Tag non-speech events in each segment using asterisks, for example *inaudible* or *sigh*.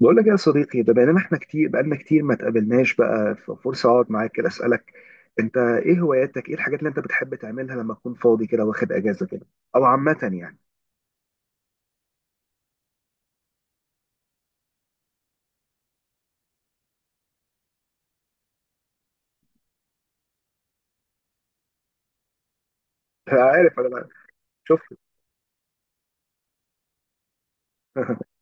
بقول لك إيه يا صديقي؟ ده بقينا احنا كتير، بقالنا كتير ما اتقابلناش بقى، ففرصة اقعد معاك كده اسألك انت ايه هواياتك، ايه الحاجات اللي انت بتحب تعملها لما تكون فاضي كده، واخد اجازة كده او عامة يعني. *laughs* أنا عارف انا شفت. *laughs*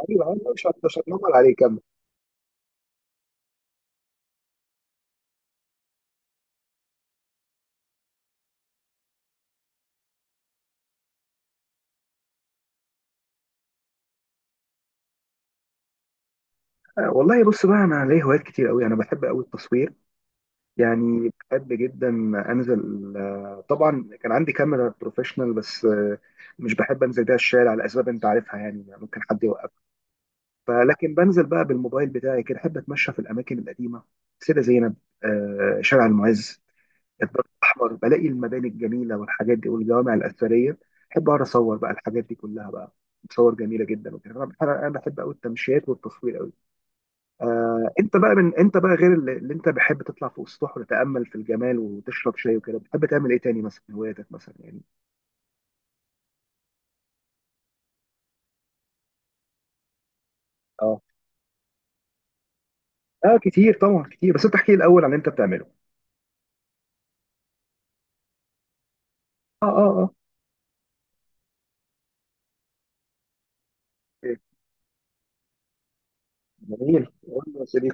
ايوه ايوه، مش هتنمر عليك، كمل. والله بص بقى، انا ليا هوايات كتير قوي، انا بحب قوي التصوير، يعني بحب جدا. انزل، طبعا كان عندي كاميرا بروفيشنال، بس مش بحب انزل بيها الشارع لاسباب انت عارفها، يعني ممكن حد يوقفني. فلكن بنزل بقى بالموبايل بتاعي كده، احب اتمشى في الاماكن القديمه، سيده زينب، شارع المعز، الدرب الاحمر، بلاقي المباني الجميله والحاجات دي والجوامع الاثريه، احب اقعد اصور بقى الحاجات دي كلها بقى، صور جميله جدا وكده. انا بحب قوي التمشيات والتصوير قوي. انت بقى، من انت بقى غير اللي انت بحب تطلع فوق السطوح وتتامل في الجمال وتشرب شاي وكده، بتحب تعمل ايه تاني مثلا، هواياتك مثلا يعني؟ اه اه، كتير طبعا كتير، بس انت احكي لي الاول عن اللي انت بتعمله. اه اه اه. إيه، جميل، قول لي يا سيدي.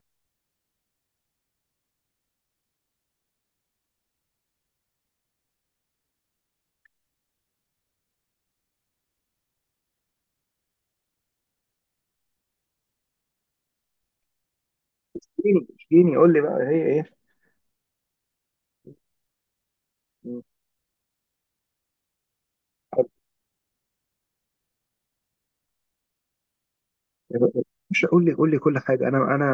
اشجيني اشجيني، قول لي بقى هي ايه. مم. حلو. مش قول لي، قول لي كل حاجه، انا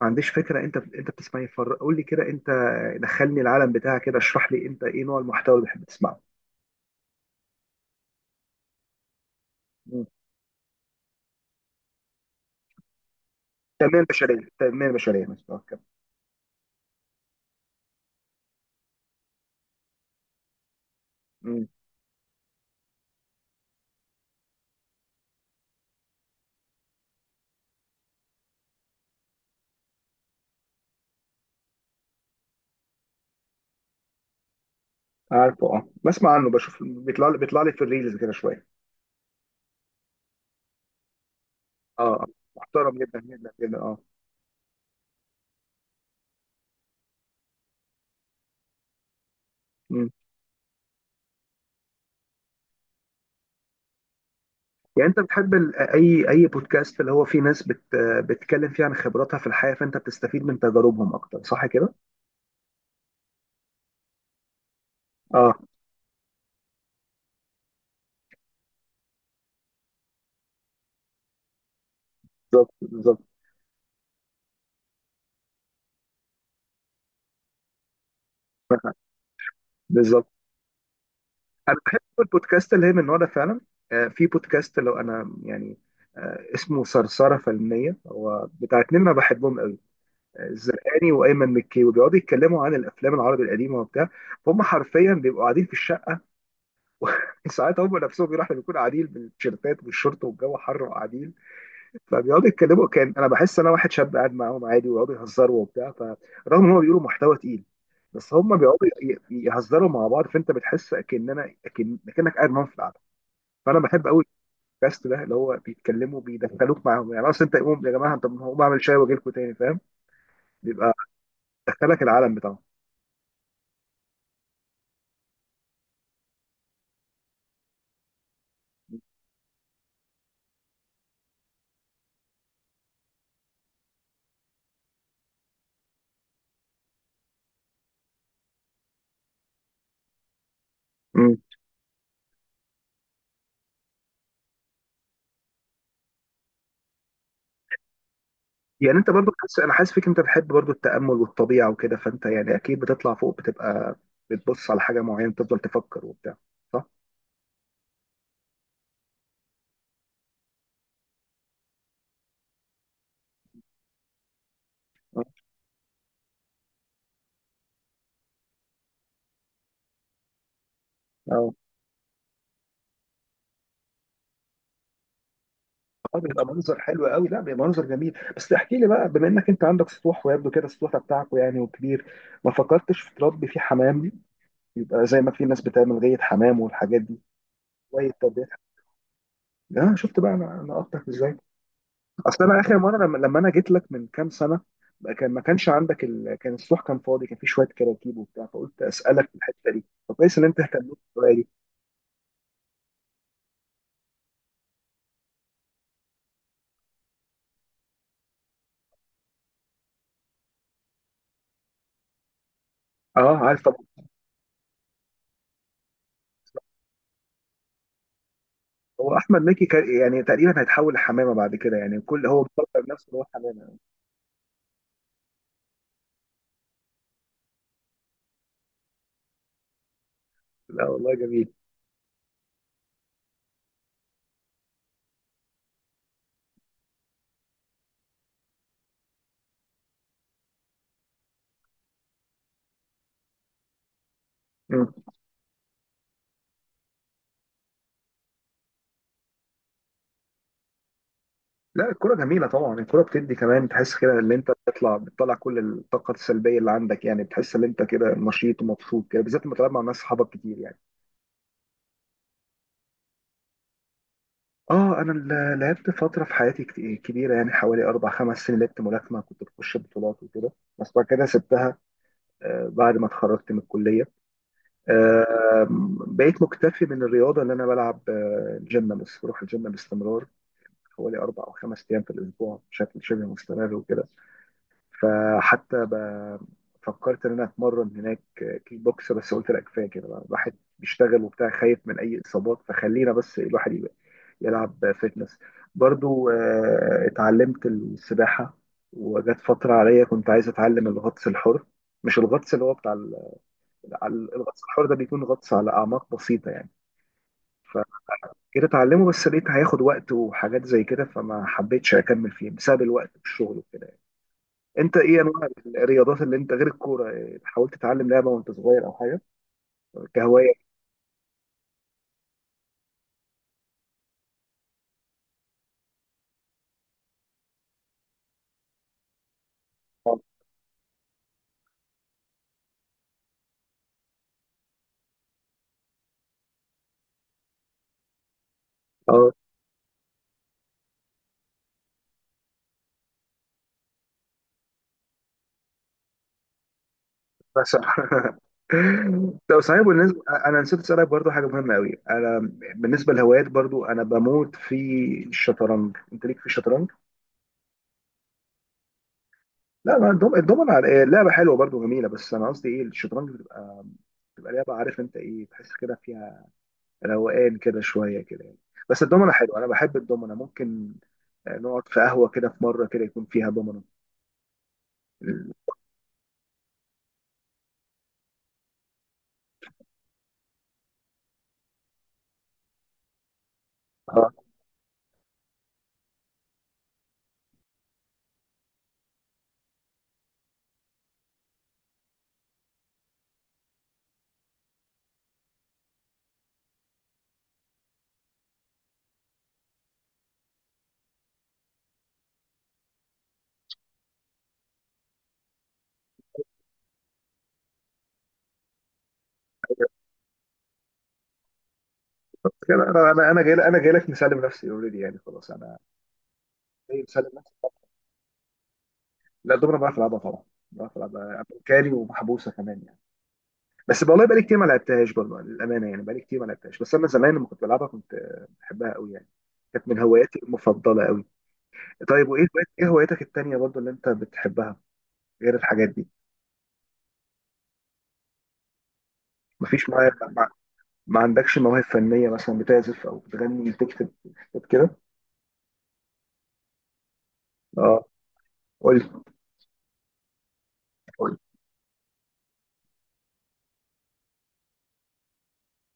ما عنديش فكره، انت بتسمعي فر، قول لي كده انت، دخلني العالم بتاعك كده، اشرح لي انت ايه نوع المحتوى اللي بتحب تسمعه. مم. التنميه البشريه مثلا كده. مم. عارفه، اه، بسمع عنه، بشوف بيطلع لي في الريلز كده شويه. اه آه. محترم جدا جدا جدا، اه. مم. يعني انت بتحب اي بودكاست اللي هو فيه ناس بتتكلم فيه عن خبراتها في الحياه، فانت بتستفيد من تجاربهم اكتر، صح كده؟ اه، بالظبط بالظبط بالظبط. انا بحب البودكاست اللي هي من النوع ده فعلا. في بودكاست، لو انا يعني، اسمه صرصره فنيه، هو بتاع اتنين انا بحبهم قوي، الزرقاني وايمن مكي، وبيقعدوا يتكلموا عن الافلام العربي القديمه وبتاع. هم حرفيا بيبقوا قاعدين في الشقه. *laughs* وساعات هم نفسهم بيروحوا بيكونوا قاعدين بالتيشيرتات والشورت والجو حر وقاعدين، فبيقعدوا يتكلموا، كان انا بحس انا واحد شاب قاعد معاهم عادي، ويقعدوا يهزروا وبتاع، فرغم ان هم بيقولوا محتوى تقيل، بس هم بيقعدوا يهزروا مع بعض، فانت بتحس اكننا اكن اكنك قاعد معاهم في القعده. فانا بحب قوي البودكاست ده، اللي هو بيتكلموا بيدخلوك معاهم، يعني اصل انت قوم يا جماعه، طب ما هقوم اعمل شاي واجي لكم تاني، فاهم؟ بيبقى دخلك العالم بتاعهم. مم. يعني انت برضو حاسس، انا حاسس فيك انت بتحب برضو التامل والطبيعه وكده، فانت يعني اكيد بتطلع فوق، بتبقى بتبص على حاجه معينه، بتفضل تفكر وبتاع، صح؟ اه اه. بيبقى منظر حلو قوي، لا بيبقى منظر جميل. بس احكي لي بقى، بما انك انت عندك سطوح، ويبدو كده السطوح بتاعكم يعني وكبير، ما فكرتش في تربي فيه حمام دي؟ يبقى زي ما في ناس بتعمل غية حمام والحاجات دي، شوية تربية حمام. اه شفت بقى انا انا اخطأت ازاي. اصل انا اخر مرة لما انا جيت لك من كام سنة، ما كانش عندك ال، كان السطوح كان فاضي، كان فيه شوية كراكيب وبتاع، فقلت اسألك في الحتة دي، فكويس ان انت اهتميت بالطريقة دي. اه، عارف طبعا. هو احمد مكي كان يعني تقريبا هيتحول لحمامة بعد كده يعني، كل هو مفكر نفسه ان هو حمامة. لا والله جميل. مم. لا الكرة جميلة طبعا، الكرة بتدي كمان تحس كده ان انت بتطلع كل الطاقة السلبية اللي عندك، يعني بتحس ان انت كده نشيط ومبسوط كده، بالذات لما تلعب مع ناس صحابك كتير يعني. اه، انا لعبت فترة في حياتي كبيرة، يعني حوالي اربع خمس سنين لعبت ملاكمة، كنت بخش بطولات وكده، بس بعد كده سبتها. بعد ما اتخرجت من الكلية، آه، بقيت مكتفي من الرياضة اللي انا بلعب. جيم، بس بروح الجيم باستمرار، حوالي اربع او خمس ايام في الاسبوع بشكل شبه مستمر وكده. فحتى ب- فكرت ان انا اتمرن هناك كيك بوكس، بس قلت لا كفايه كده بقى، الواحد بيشتغل وبتاع، خايف من اي اصابات، فخلينا بس الواحد يبقى يلعب فيتنس برضو. اتعلمت السباحه، وجت فتره عليا كنت عايز اتعلم الغطس الحر، مش الغطس اللي هو بتاع الغطس الحر ده بيكون غطس على اعماق بسيطه يعني، فجيت اتعلمه، بس لقيت هياخد وقت وحاجات زي كده، فما حبيتش اكمل فيه بسبب الوقت والشغل. انت ايه انواع الرياضات اللي انت غير الكوره، إيه، حاولت تتعلم لعبه وانت صغير او حاجه كهوايه؟ اه بس. *laughs* طب صحيح بالنسبه، انا نسيت اسالك برضو حاجه مهمه قوي، انا بالنسبه للهوايات برضو انا بموت في الشطرنج، انت ليك في الشطرنج؟ لا، ما الدومنة إيه، لعبه حلوه برضو جميله، بس انا قصدي ايه، الشطرنج بتبقى بتبقى لعبه، عارف انت ايه، تحس كده فيها روقان كده شويه كده يعني. بس الدومنة حلوه، انا بحب الدومنة، ممكن نقعد في قهوه كده في مره كده يكون فيها دومنة. اه كده، انا جاي، جاي لك مسلم نفسي اوريدي يعني، خلاص انا جاي مسلم نفسي. لا الدومنه بعرف العبها طبعا، بعرف العبها امريكاني ومحبوسه كمان يعني. بس والله بقالي كتير ما لعبتهاش برضه، للامانه يعني، بقالي كتير ما لعبتهاش، بس انا زمان لما كنت بلعبها كنت، بحبها قوي يعني، كانت من هواياتي المفضله قوي. طيب وايه ايه هواياتك التانيه برضه اللي انت بتحبها، غير الحاجات دي؟ مفيش معايا، ما عندكش مواهب فنيه مثلا؟ بتعزف او بتغني، بتكتب كده؟ اه، قول لي، قول لي،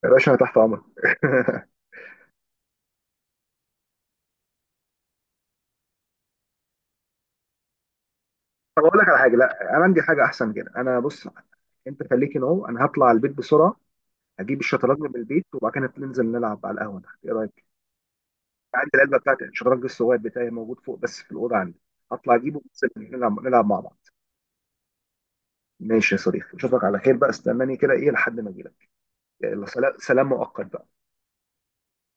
يا باشا انا تحت امرك. *laughs* طب اقول لك على حاجه، لا انا عندي حاجه احسن كده، انا بص، انت خليك نو، انا هطلع البيت بسرعه، اجيب الشطرنج من البيت، وبعد كده ننزل نلعب على القهوه تحت، ايه رايك؟ عندي العلبه بتاعت الشطرنج الصغير بتاعي، موجود فوق بس في الاوضه عندي، هطلع اجيبه، وننزل نلعب مع بعض. ماشي يا صديقي، اشوفك على خير بقى، استناني كده ايه لحد ما اجي لك، يلا سلام، سلام مؤقت بقى.